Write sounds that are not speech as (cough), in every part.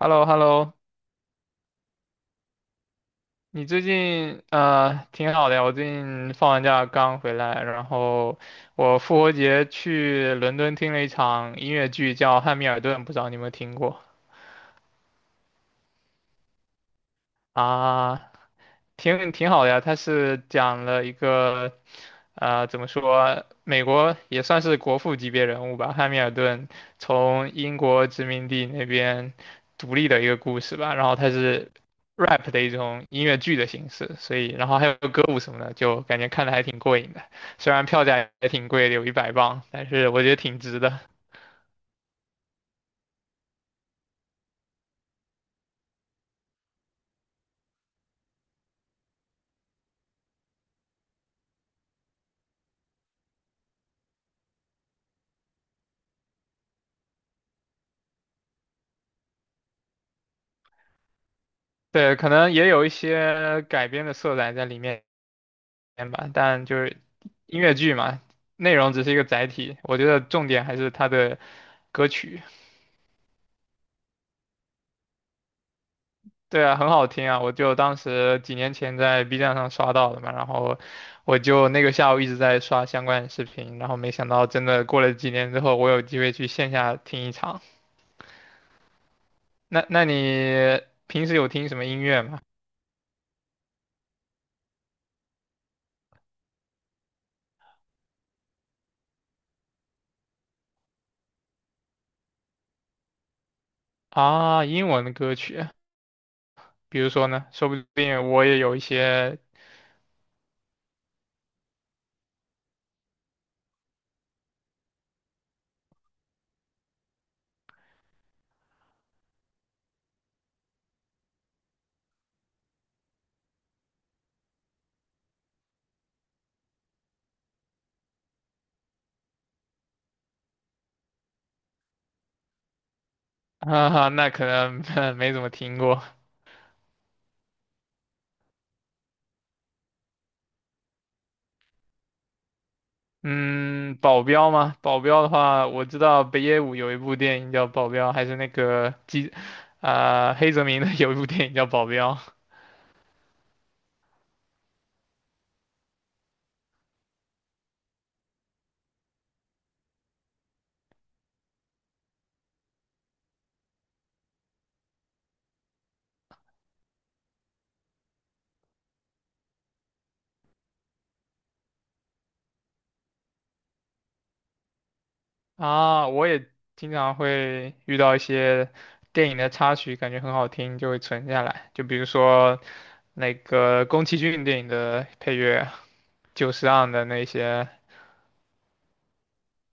h e l l o h e l l o 你最近挺好的呀，我最近放完假刚回来，然后我复活节去伦敦听了一场音乐剧，叫《汉密尔顿》，不知道你有没有听过啊？挺好的呀，它是讲了一个，怎么说，美国也算是国父级别人物吧，汉密尔顿从英国殖民地那边独立的一个故事吧。然后它是 rap 的一种音乐剧的形式，所以然后还有歌舞什么的，就感觉看的还挺过瘾的。虽然票价也挺贵的，有100 磅，但是我觉得挺值的。对，可能也有一些改编的色彩在里面，片吧，但就是音乐剧嘛，内容只是一个载体，我觉得重点还是它的歌曲。对啊，很好听啊，我就当时几年前在 B 站上刷到的嘛，然后我就那个下午一直在刷相关的视频，然后没想到真的过了几年之后，我有机会去线下听一场。那你平时有听什么音乐吗？啊，英文的歌曲，比如说呢，说不定我也有一些，(laughs) 哈哈，那可能 (laughs) 没怎么听过。嗯，保镖吗？保镖的话，我知道北野武有一部电影叫《保镖》，还是那个基，啊、黑泽明的 (laughs) 有一部电影叫《保镖》啊。我也经常会遇到一些电影的插曲，感觉很好听，就会存下来。就比如说那个宫崎骏电影的配乐，久石让的那些，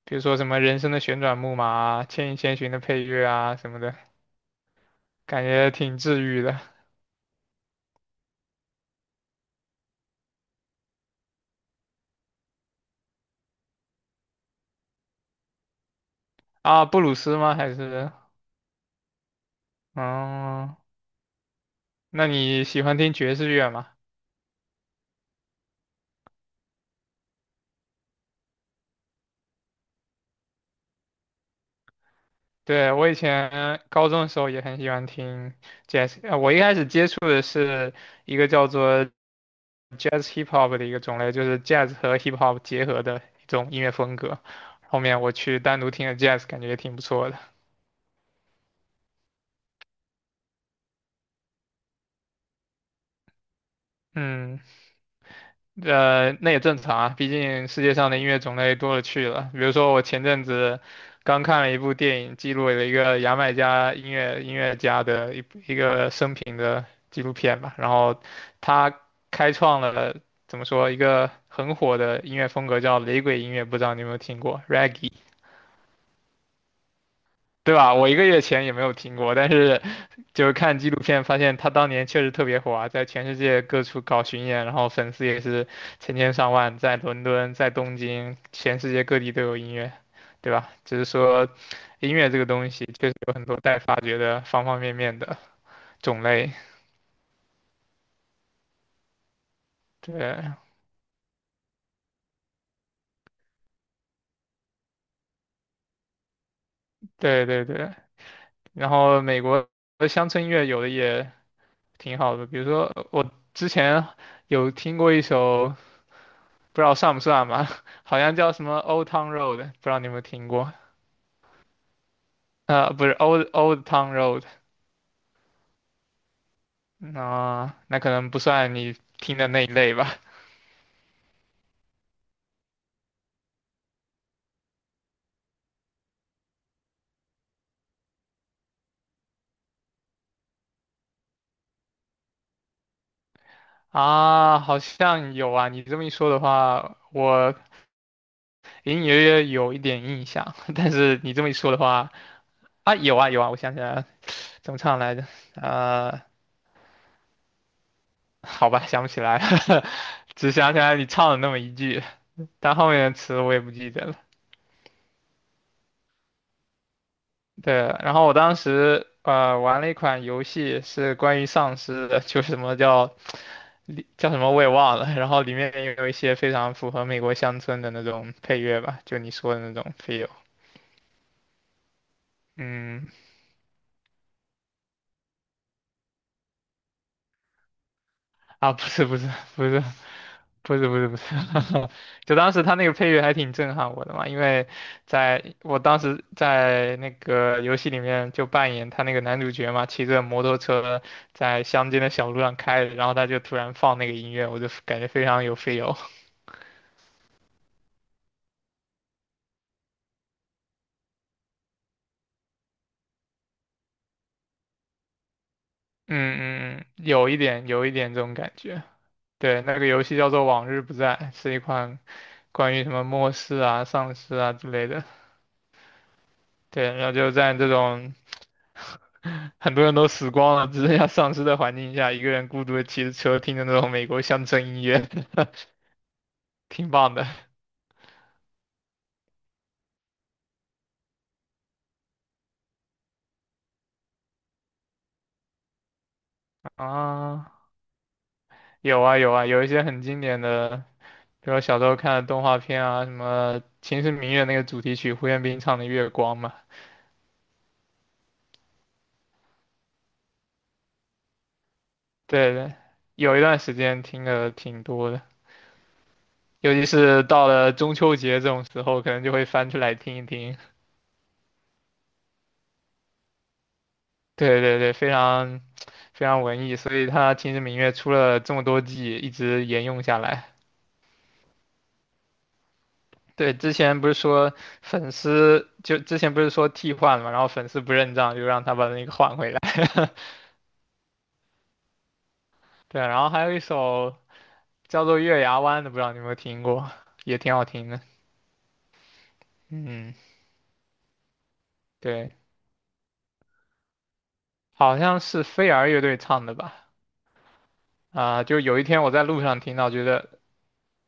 比如说什么《人生的旋转木马》啊，《千与千寻》的配乐啊什么的，感觉挺治愈的啊。布鲁斯吗？还是嗯。那你喜欢听爵士乐吗？对，我以前高中的时候也很喜欢听 jazz，我一开始接触的是一个叫做 jazz hip hop 的一个种类，就是 jazz 和 hip hop 结合的一种音乐风格。后面我去单独听了 jazz，感觉也挺不错的。嗯，那也正常啊，毕竟世界上的音乐种类多了去了。比如说，我前阵子刚看了一部电影，记录了一个牙买加音乐家的一个生平的纪录片吧。然后他开创了怎么说一个很火的音乐风格，叫雷鬼音乐，不知道你有没有听过 Reggae，对吧？我1 个月前也没有听过，但是就是看纪录片发现他当年确实特别火啊，在全世界各处搞巡演，然后粉丝也是成千上万，在伦敦、在东京，全世界各地都有音乐，对吧？只是说音乐这个东西确实有很多待发掘的方方面面的种类，对，对对对。然后美国的乡村音乐有的也挺好的，比如说我之前有听过一首，不知道算不算吧，(laughs) 好像叫什么《Old Town Road》，不知道你有没有听过。不是 Old Old Town Road，那可能不算你听的那一类吧。(laughs) 啊，好像有啊，你这么一说的话，我隐隐约约有一点印象，(laughs) 但是你这么一说的话，啊，有啊有啊，我想起来了，怎么唱来着？呃，好吧，想不起来了，(laughs) 只想起来你唱了那么一句，但后面的词我也不记得了。对，然后我当时玩了一款游戏，是关于丧尸的，就是什么叫里叫什么我也忘了，然后里面也有一些非常符合美国乡村的那种配乐吧，就你说的那种 feel。嗯，啊，不是不是不是不是不是不是，(laughs) 就当时他那个配乐还挺震撼我的嘛，因为在我当时在那个游戏里面就扮演他那个男主角嘛，骑着摩托车在乡间的小路上开着，然后他就突然放那个音乐，我就感觉非常有 feel。嗯嗯嗯，有一点有一点这种感觉。对，那个游戏叫做《往日不再》，是一款关于什么末世啊、丧尸啊之类的。对，然后就在这种 (laughs) 很多人都死光了，只剩下丧尸的环境下，一个人孤独的骑着车，听着那种美国乡村音乐，(laughs) 挺棒的啊。有啊有啊，有一些很经典的，比如小时候看的动画片啊，什么《秦时明月》那个主题曲，胡彦斌唱的《月光》嘛。对对，有一段时间听的挺多的。尤其是到了中秋节这种时候，可能就会翻出来听一听。对对对，非常非常文艺，所以他《秦时明月》出了这么多季，一直沿用下来。对，之前不是说粉丝就之前不是说替换嘛，然后粉丝不认账，就让他把那个换回来。(laughs) 对，然后还有一首叫做《月牙湾》的，不知道你有没有听过，也挺好听的。嗯，对，好像是飞儿乐队唱的吧？啊、就有一天我在路上听到，觉得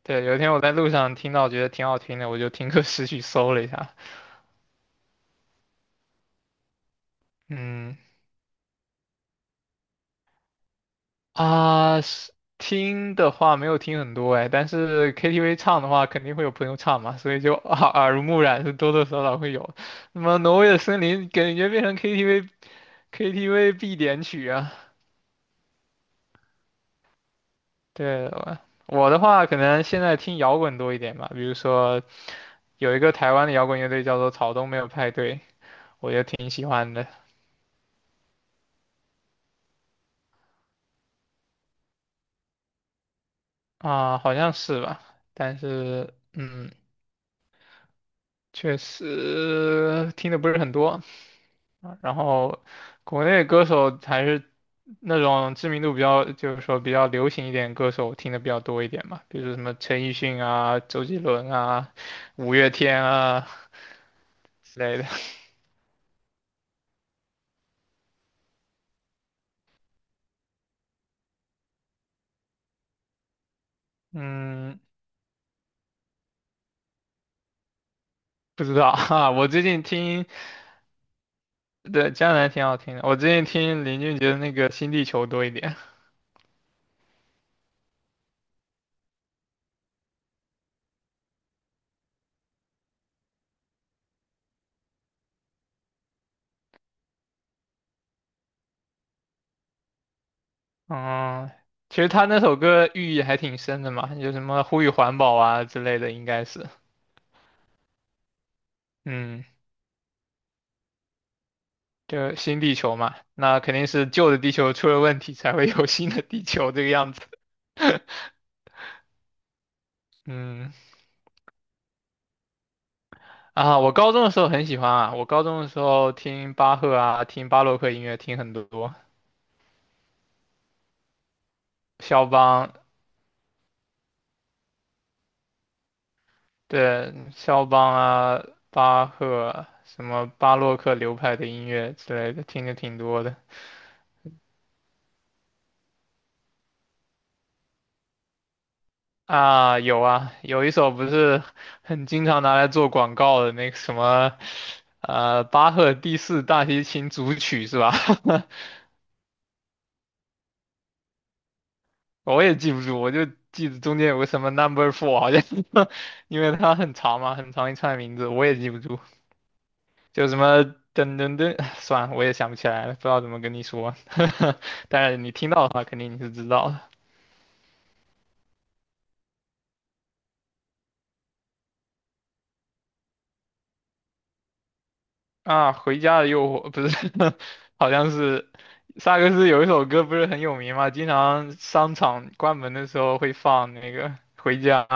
对，有一天我在路上听到，觉得挺好听的，我就听歌识曲 (laughs) 搜了一下。嗯啊，是听的话没有听很多哎，但是 KTV 唱的话，肯定会有朋友唱嘛，所以就耳濡目染，是多多少少会有。那么《挪威的森林》感觉变成 KTV 必点曲啊。对，我的话可能现在听摇滚多一点吧，比如说有一个台湾的摇滚乐队叫做草东没有派对，我就挺喜欢的啊，好像是吧，但是。嗯，确实听的不是很多，然后国内歌手还是那种知名度比较，就是说比较流行一点歌手听的比较多一点嘛，比如说什么陈奕迅啊、周杰伦啊、五月天啊之类的。嗯，不知道哈、(laughs) 我最近听，对，江南挺好听的，我最近听林俊杰的那个《新地球》多一点。嗯，其实他那首歌寓意还挺深的嘛，有什么呼吁环保啊之类的，应该是。嗯。就新地球嘛，那肯定是旧的地球出了问题，才会有 (laughs) 新的地球这个样子。(laughs) 嗯，啊，我高中的时候很喜欢啊，我高中的时候听巴赫啊，听巴洛克音乐听很多，肖邦，对，肖邦啊，巴赫，什么巴洛克流派的音乐之类的，听的挺多的。啊，有啊，有一首不是很经常拿来做广告的那个什么，巴赫第四大提琴组曲是吧？(laughs) 我也记不住，我就记得中间有个什么 number 4，好像 (laughs) 因为它很长嘛，很长一串名字，我也记不住，就什么噔噔噔，(laughs) (sighs) 算了，我也想不起来了，不知道怎么跟你说，(laughs) 但是你听到的话，肯定你是知道的啊。回家的诱惑不是，(laughs) 好像是萨克斯有一首歌不是很有名嘛，经常商场关门的时候会放那个回家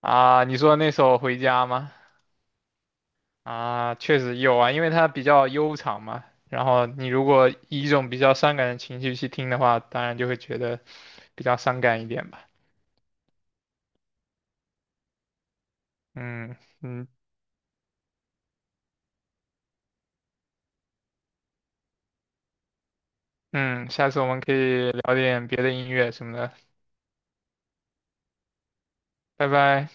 啊，你说那首回家吗？啊，确实有啊，因为它比较悠长嘛。然后你如果以一种比较伤感的情绪去听的话，当然就会觉得比较伤感一点吧。嗯嗯嗯，下次我们可以聊点别的音乐什么的。拜拜。